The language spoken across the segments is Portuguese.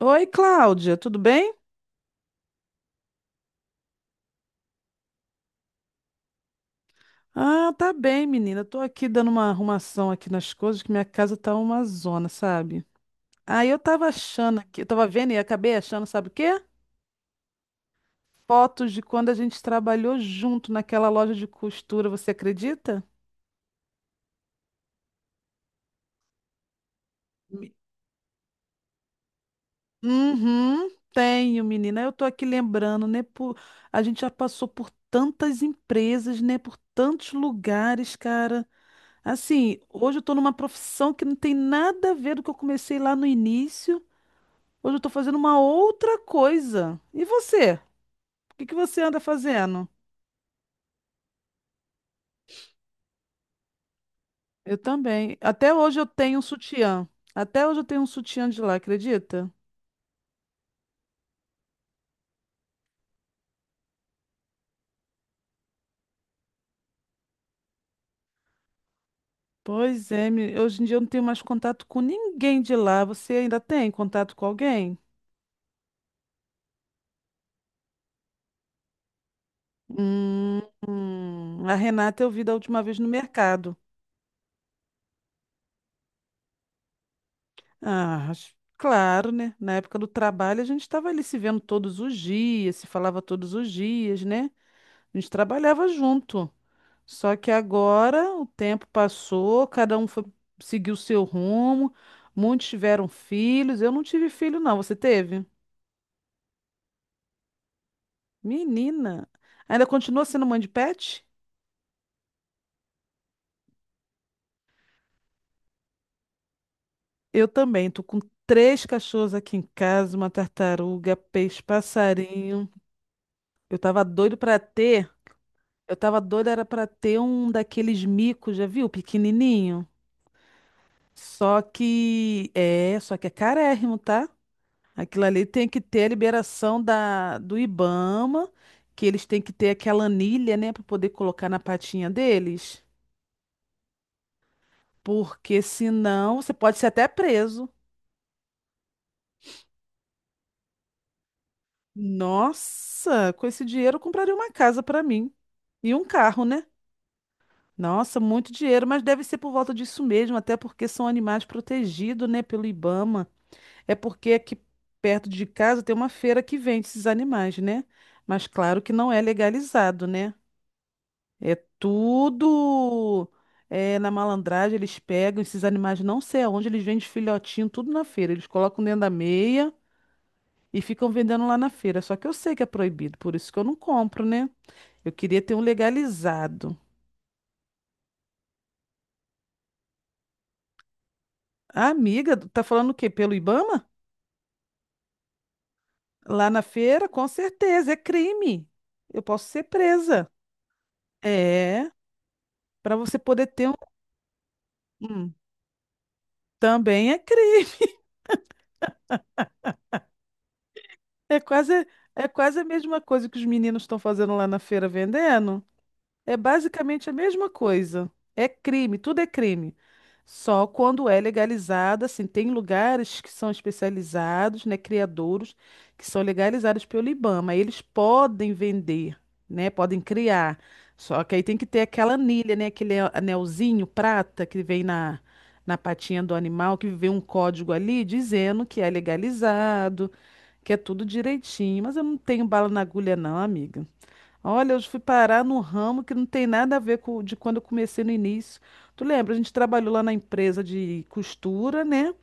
Oi, Cláudia, tudo bem? Ah, tá bem, menina. Tô aqui dando uma arrumação aqui nas coisas, que minha casa tá uma zona, sabe? Aí eu tava achando aqui, eu tava vendo e acabei achando, sabe o quê? Fotos de quando a gente trabalhou junto naquela loja de costura, você acredita? Me- Uhum, tenho, menina. Eu tô aqui lembrando, né? A gente já passou por tantas empresas, né? Por tantos lugares, cara. Assim, hoje eu estou numa profissão que não tem nada a ver do que eu comecei lá no início. Hoje eu estou fazendo uma outra coisa. E você? O que que você anda fazendo? Eu também. Até hoje eu tenho um sutiã. Até hoje eu tenho um sutiã de lá, acredita? Pois é, hoje em dia eu não tenho mais contato com ninguém de lá. Você ainda tem contato com alguém? Hum, a Renata eu vi da última vez no mercado. Claro, né? Na época do trabalho a gente estava ali se vendo todos os dias, se falava todos os dias, né? A gente trabalhava junto. Só que agora o tempo passou, cada um foi seguiu o seu rumo, muitos tiveram filhos. Eu não tive filho, não. Você teve? Menina, ainda continua sendo mãe de pet? Eu também. Tô com três cachorros aqui em casa, uma tartaruga, peixe, passarinho. Eu tava doido para ter. Eu tava doida, era pra ter um daqueles micos, já viu? Pequenininho. Só que é carérrimo, tá? Aquilo ali tem que ter a liberação do IBAMA, que eles têm que ter aquela anilha, né, pra poder colocar na patinha deles. Porque senão você pode ser até preso. Nossa, com esse dinheiro eu compraria uma casa pra mim e um carro, né? Nossa, muito dinheiro, mas deve ser por volta disso mesmo, até porque são animais protegidos, né, pelo IBAMA. É porque aqui perto de casa tem uma feira que vende esses animais, né? Mas claro que não é legalizado, né? É tudo na malandragem, eles pegam esses animais, não sei aonde, eles vendem filhotinho, tudo na feira. Eles colocam dentro da meia e ficam vendendo lá na feira. Só que eu sei que é proibido, por isso que eu não compro, né? Eu queria ter um legalizado. A amiga, tá falando o quê? Pelo Ibama? Lá na feira, com certeza, é crime. Eu posso ser presa. É, para você poder ter um. Hum, também é crime. É quase, É quase a mesma coisa que os meninos estão fazendo lá na feira vendendo. É basicamente a mesma coisa. É crime, tudo é crime. Só quando é legalizado, assim, tem lugares que são especializados, né, criadouros, que são legalizados pelo IBAMA. Eles podem vender, né, podem criar. Só que aí tem que ter aquela anilha, né, anelzinho prata que vem na patinha do animal, que vem um código ali dizendo que é legalizado, que é tudo direitinho. Mas eu não tenho bala na agulha, não, amiga. Olha, eu fui parar num ramo que não tem nada a ver com de quando eu comecei no início. Tu lembra? A gente trabalhou lá na empresa de costura, né?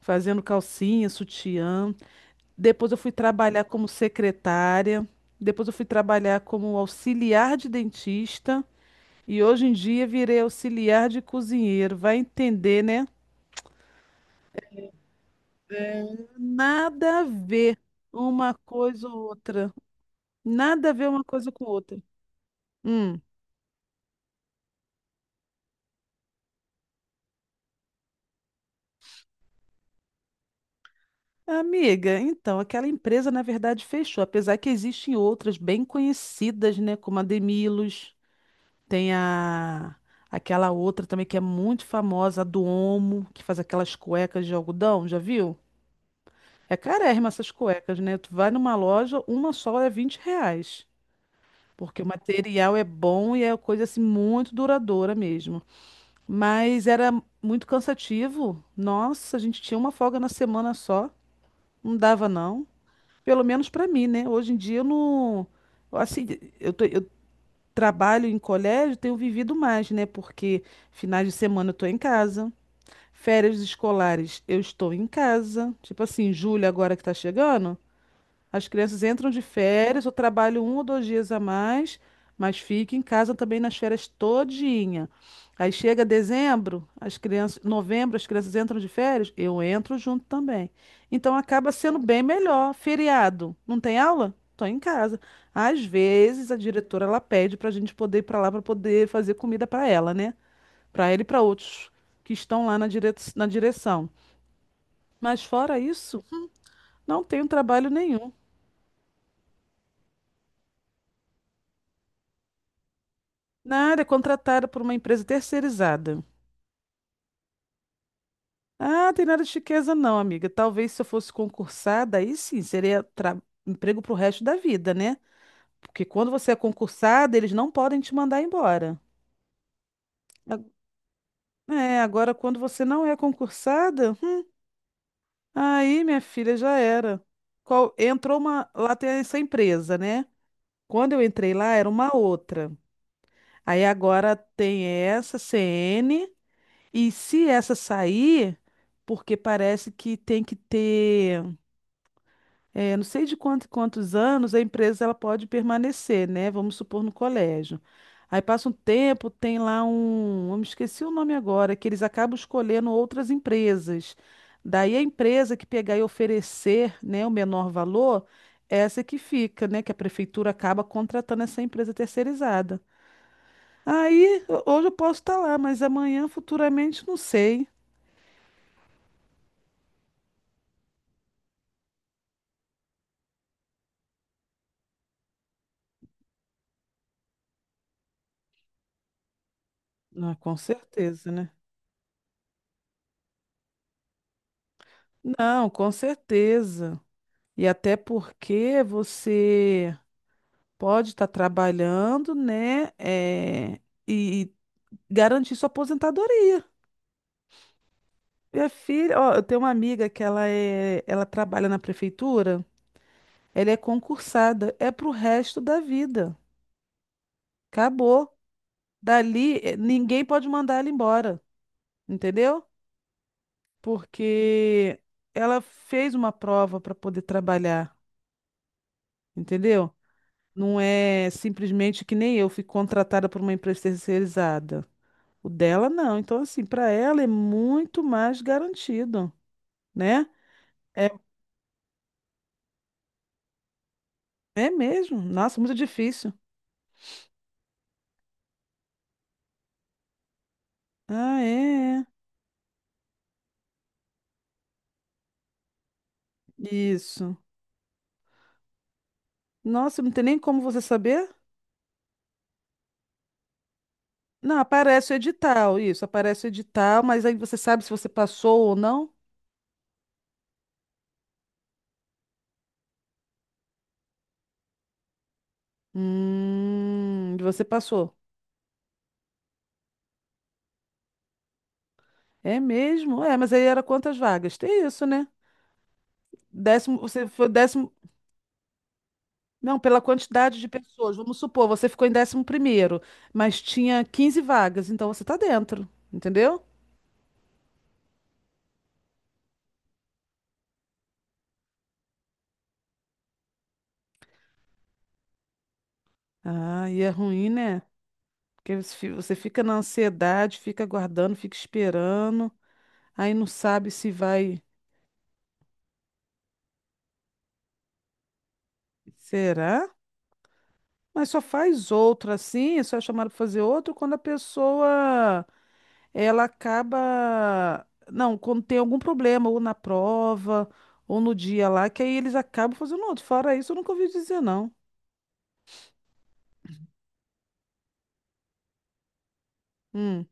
Fazendo calcinha, sutiã. Depois eu fui trabalhar como secretária. Depois eu fui trabalhar como auxiliar de dentista. E hoje em dia virei auxiliar de cozinheiro. Vai entender, né? Nada a ver uma coisa ou outra. Nada a ver uma coisa com outra. Hum. Amiga, então, aquela empresa na verdade fechou, apesar que existem outras bem conhecidas, né, como a Demilos, tem a aquela outra também que é muito famosa, a do Omo, que faz aquelas cuecas de algodão, já viu? É carérrima essas cuecas, né? Tu vai numa loja, uma só é 20 reais, porque o material é bom e é coisa assim muito duradoura mesmo. Mas era muito cansativo, nossa, a gente tinha uma folga na semana só, não dava não. Pelo menos para mim, né? Hoje em dia eu não. Assim, eu trabalho em colégio, tenho vivido mais, né? Porque finais de semana eu estou em casa, férias escolares eu estou em casa. Tipo assim, julho agora que tá chegando. As crianças entram de férias, eu trabalho um ou dois dias a mais, mas fico em casa também nas férias todinha. Aí chega dezembro, as crianças, novembro, as crianças entram de férias, eu entro junto também. Então acaba sendo bem melhor. Feriado, não tem aula? Tô em casa. Às vezes a diretora ela pede para a gente poder ir para lá para poder fazer comida para ela, né? Para ela e para outros que estão lá na direção. Mas fora isso, não tenho trabalho nenhum. Nada, é contratada por uma empresa terceirizada. Ah, tem nada de chiqueza não, amiga. Talvez se eu fosse concursada, aí sim, seria emprego pro resto da vida, né? Porque quando você é concursada, eles não podem te mandar embora. A- É, agora quando você não é concursada, aí, minha filha, já era. Entrou uma, lá tem essa empresa, né? Quando eu entrei lá, era uma outra. Aí agora tem essa CN. E se essa sair, porque parece que tem que ter, não sei de quantos anos a empresa ela pode permanecer, né? Vamos supor no colégio. Aí passa um tempo, tem lá um, eu me esqueci o nome agora, que eles acabam escolhendo outras empresas. Daí a empresa que pegar e oferecer, né, o menor valor, essa é que fica, né, que a prefeitura acaba contratando essa empresa terceirizada. Aí hoje eu posso estar lá, mas amanhã, futuramente, não sei. Ah, com certeza, né? Não, com certeza. E até porque você pode estar trabalhando, né? E garantir sua aposentadoria. Minha filha, ó, eu tenho uma amiga que ela trabalha na prefeitura, ela é concursada, é pro resto da vida. Acabou. Dali, ninguém pode mandar ela embora, entendeu? Porque ela fez uma prova para poder trabalhar, entendeu? Não é simplesmente que nem eu fui contratada por uma empresa terceirizada. O dela não. Então, assim, para ela é muito mais garantido, né? É, é mesmo. Nossa, muito difícil. Ah, é. É. Isso. Nossa, não tem nem como você saber? Não, aparece o edital, isso, aparece o edital, mas aí você sabe se você passou ou não? Você passou. É mesmo? É, mas aí era quantas vagas? Tem isso, né? Décimo, você foi décimo. Não, pela quantidade de pessoas. Vamos supor, você ficou em 11º, mas tinha 15 vagas, então você tá dentro, entendeu? Ah, e é ruim, né? Porque você fica na ansiedade, fica aguardando, fica esperando, aí não sabe se vai. Será? Mas só faz outro assim, só é chamado para fazer outro quando a pessoa ela acaba. Não, quando tem algum problema, ou na prova, ou no dia lá, que aí eles acabam fazendo outro. Fora isso, eu nunca ouvi dizer, não. Hum.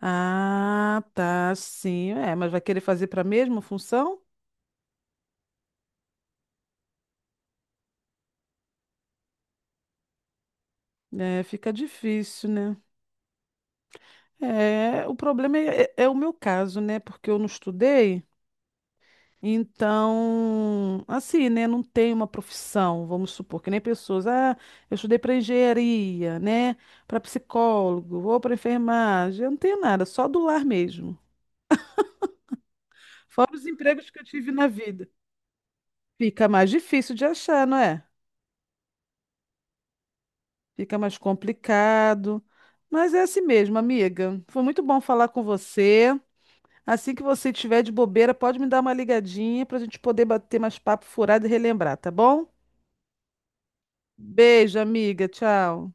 Ah, tá, sim. É, mas vai querer fazer para a mesma função? É, fica difícil, né? É, o problema é o meu caso, né? Porque eu não estudei, então, assim, né? Não tenho uma profissão, vamos supor, que nem pessoas. Ah, eu estudei para engenharia, né? Para psicólogo, ou para enfermagem. Eu não tenho nada, só do lar mesmo. Fora os empregos que eu tive na vida. Fica mais difícil de achar, não é? Fica mais complicado. Mas é assim mesmo, amiga. Foi muito bom falar com você. Assim que você estiver de bobeira, pode me dar uma ligadinha para a gente poder bater mais papo furado e relembrar, tá bom? Beijo, amiga. Tchau.